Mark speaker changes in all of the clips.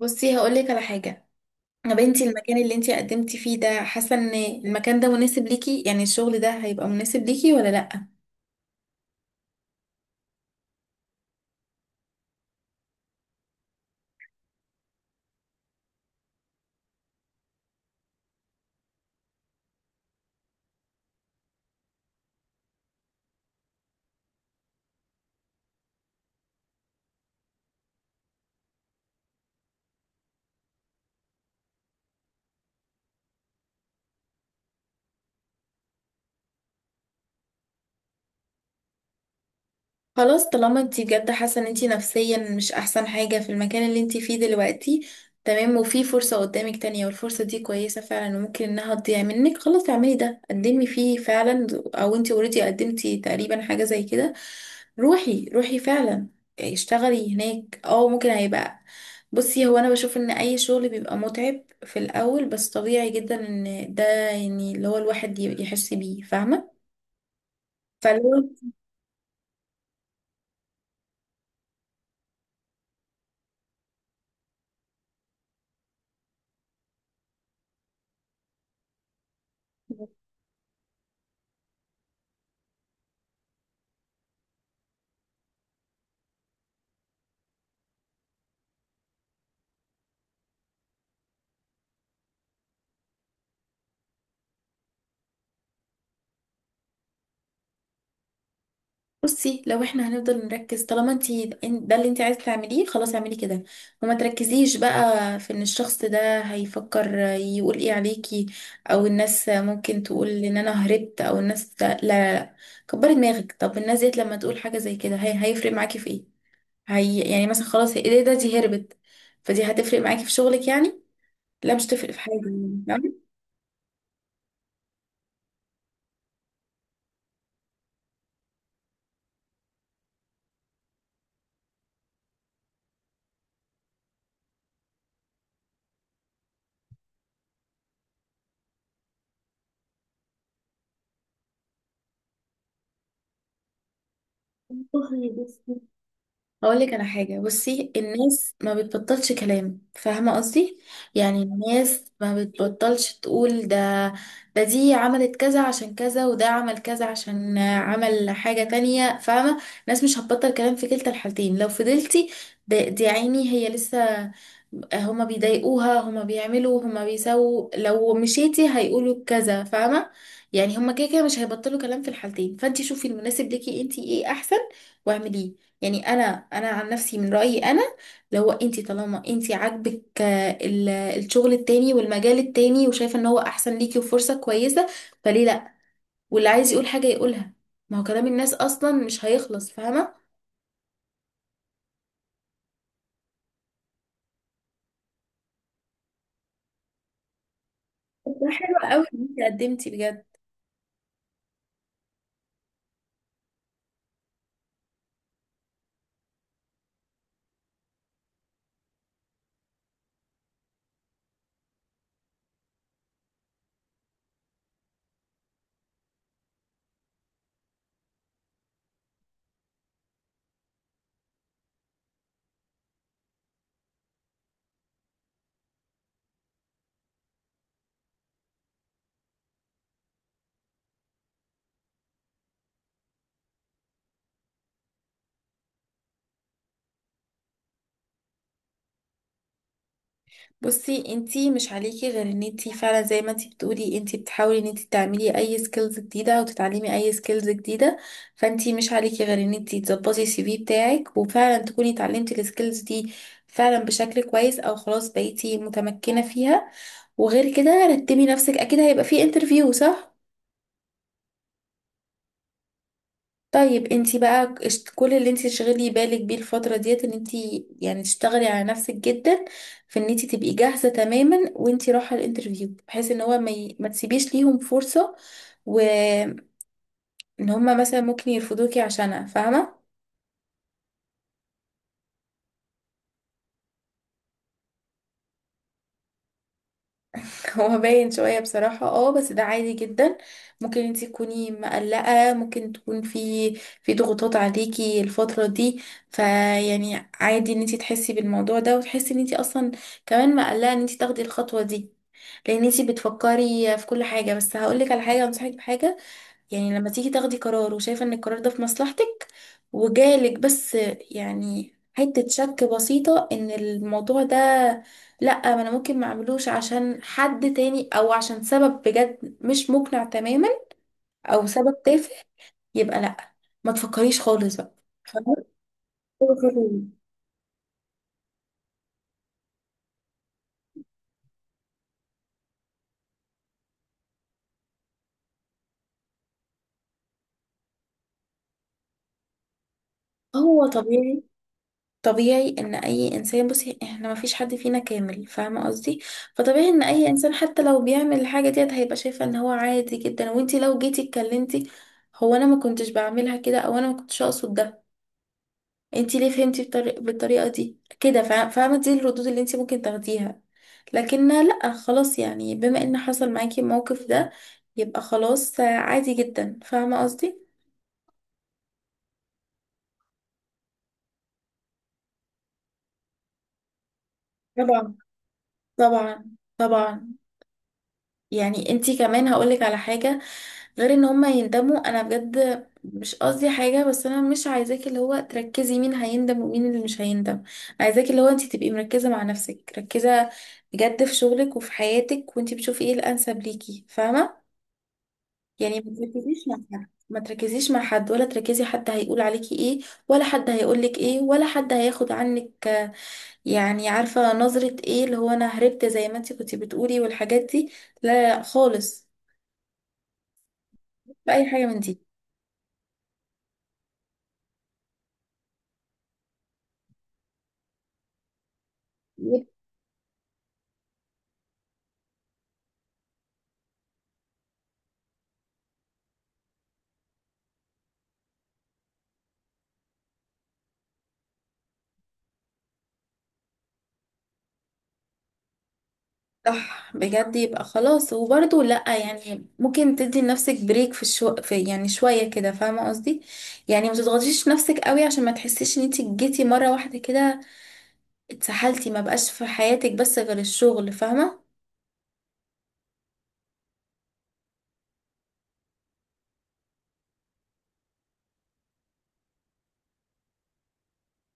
Speaker 1: بصي هقولك على حاجة. يا بنتي، المكان اللي انتي قدمتي فيه ده حاسة ان المكان ده مناسب ليكي، يعني الشغل ده هيبقى مناسب ليكي ولا لأ؟ خلاص، طالما انتي جد حاسه ان انتي نفسيا مش احسن حاجه في المكان اللي انتي فيه دلوقتي، تمام، وفي فرصه قدامك تانية والفرصه دي كويسه فعلا وممكن انها تضيع منك، خلاص اعملي ده، قدمي فيه فعلا. او انتي اوريدي قدمتي تقريبا حاجه زي كده. روحي فعلا. اشتغلي هناك. اه، ممكن هيبقى. بصي، هو انا بشوف ان اي شغل بيبقى متعب في الاول، بس طبيعي جدا ان ده، يعني اللي هو الواحد يحس بيه، فاهمه؟ فلو، بصي، لو احنا هنفضل نركز، طالما انتي ده اللي انتي عايزة تعمليه، خلاص اعملي كده، وما تركزيش بقى في ان الشخص ده هيفكر يقول ايه عليكي، او الناس ممكن تقول ان انا هربت، او الناس، لا لا لا. كبري دماغك. طب الناس ديت لما تقول حاجة زي كده، هي هيفرق معاكي في ايه؟ هي يعني مثلا، خلاص ايه ده، دي هربت. فدي هتفرق معاكي في شغلك يعني؟ لا، مش تفرق في حاجة، يعني فاهمة؟ والله بصي، هقول لك على حاجة. بصي، الناس ما بتبطلش كلام، فاهمة قصدي؟ يعني الناس ما بتبطلش تقول ده، ده دي عملت كذا عشان كذا، وده عمل كذا عشان عمل حاجة تانية، فاهمة؟ الناس مش هتبطل كلام في كلتا الحالتين. لو فضلتي، ده دي عيني هي لسه هما بيضايقوها، هما بيعملوا، هما بيسووا. لو مشيتي هيقولوا كذا، فاهمة؟ يعني هما كده كده مش هيبطلوا كلام في الحالتين، فانتي شوفي المناسب ليكي انتي ايه احسن، واعمليه. يعني انا عن نفسي، من رايي انا لو انت، طالما انت عاجبك الشغل التاني والمجال التاني، وشايفه ان هو احسن ليكي وفرصه كويسه، فليه لا؟ واللي عايز يقول حاجه يقولها، ما هو كلام الناس اصلا مش هيخلص، فاهمه؟ ده حلو قوي ان انت قدمتي بجد. بصي، انتي مش عليكي غير ان انتي فعلا زي ما انتي بتقولي، انتي بتحاولي ان انتي تعملي اي سكيلز جديده او تتعلمي اي سكيلز جديده. فانتي مش عليكي غير ان انتي تظبطي السي في بتاعك، وفعلا تكوني اتعلمتي السكيلز دي فعلا بشكل كويس، او خلاص بقيتي متمكنه فيها. وغير كده، رتبي نفسك، اكيد هيبقى في انترفيو، صح؟ طيب انتي بقى كل اللي انتي تشغلي بالك بيه الفترة ديت، ان انتي يعني تشتغلي على نفسك جدا، في ان انتي تبقي جاهزة تماما وانتي رايحة الانترفيو، بحيث ان هو ما تسيبيش ليهم فرصة، وان هما مثلا ممكن يرفضوكي عشانها، فاهمة؟ هو باين شوية بصراحة، اه، بس ده عادي جدا. ممكن انتي تكوني مقلقة، ممكن تكون في ضغوطات عليكي الفترة دي. فيعني عادي ان انتي تحسي بالموضوع ده، وتحسي ان انتي اصلا كمان مقلقة ان انتي تاخدي الخطوة دي، لان انتي بتفكري في كل حاجة. بس هقولك على حاجة، انصحك بحاجة. يعني لما تيجي تاخدي قرار وشايفة ان القرار ده في مصلحتك، وجالك بس يعني حتة شك بسيطة ان الموضوع ده، لأ ما انا ممكن ما اعملوش عشان حد تاني، او عشان سبب بجد مش مقنع تماما، او سبب تافه، يبقى لأ، ما تفكريش خالص بقى، فاهمة؟ هو طبيعي، طبيعي ان اي انسان، بصي، احنا ما فيش حد فينا كامل، فاهمه قصدي؟ فطبيعي ان اي انسان حتى لو بيعمل الحاجه ديت هيبقى شايفه ان هو عادي جدا، وانتي لو جيتي اتكلمتي، هو انا ما كنتش بعملها كده، او انا ما كنتش اقصد ده، انتي ليه فهمتي بالطريقه دي كده، فاهمه؟ دي الردود اللي انتي ممكن تاخديها. لكن لا، خلاص يعني بما ان حصل معاكي الموقف ده، يبقى خلاص عادي جدا، فاهمه قصدي؟ طبعا، طبعا، طبعا. يعني انتي كمان هقولك على حاجه، غير ان هما يندموا، انا بجد مش قصدي حاجة، بس انا مش عايزاكي اللي هو تركزي مين هيندم ومين اللي مش هيندم. عايزاكي اللي هو انت تبقي مركزة مع نفسك، مركزة بجد في شغلك وفي حياتك، وانت بتشوفي ايه الانسب ليكي، فاهمة؟ يعني ما تركزيش مع حد، ما تركزيش مع حد ولا تركزي حد هيقول عليكي ايه، ولا حد هيقولك ايه، ولا حد هياخد عنك يعني عارفة نظرة ايه اللي هو انا هربت زي ما انت كنت بتقولي والحاجات دي، لا خالص بأي حاجة من دي. صح بجد، يبقى خلاص. وبرضه لأ يعني ممكن تدي لنفسك بريك في الشو في، يعني شوية كده، فاهمة قصدي؟ يعني ما تضغطيش نفسك قوي، عشان ما تحسيش ان انتي جيتي مرة واحدة كده اتسحلتي، ما بقاش في حياتك بس غير الشغل، فاهمة؟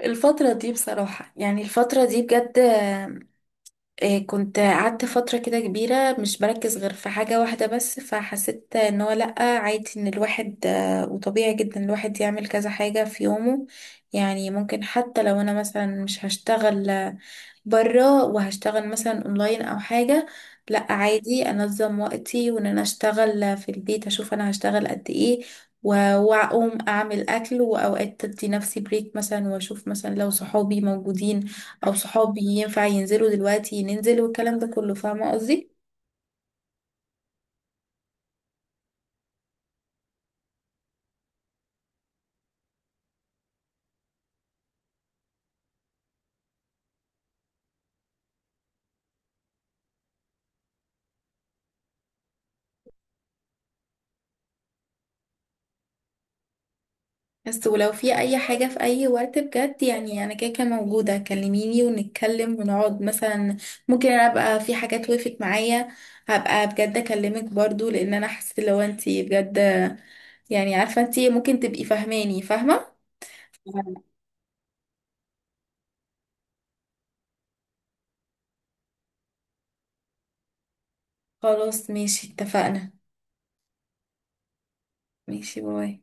Speaker 1: الفترة دي بصراحة، يعني الفترة دي بجد، كنت قعدت فترة كده كبيرة مش بركز غير في حاجة واحدة بس، فحسيت ان هو لأ، عادي ان الواحد، وطبيعي جدا الواحد يعمل كذا حاجة في يومه. يعني ممكن حتى لو انا مثلا مش هشتغل بره وهشتغل مثلا اونلاين او حاجة، لا عادي انظم وقتي وان انا اشتغل في البيت، اشوف انا هشتغل قد ايه، و- واقوم اعمل اكل، واوقات ادي نفسي بريك مثلا، واشوف مثلا لو صحابي موجودين او صحابي ينفع ينزلوا دلوقتي ننزل، والكلام ده كله، فاهمة قصدي؟ بس ولو في اي حاجة في اي وقت بجد، يعني انا كده كده موجودة، كلميني ونتكلم ونقعد مثلا. ممكن انا ابقى في حاجات وقفت معايا، هبقى بجد اكلمك برضو، لان انا حسيت لو انتي بجد، يعني عارفة انتي ممكن تبقي فاهماني، فاهمة؟ خلاص ماشي، اتفقنا. ماشي، باي.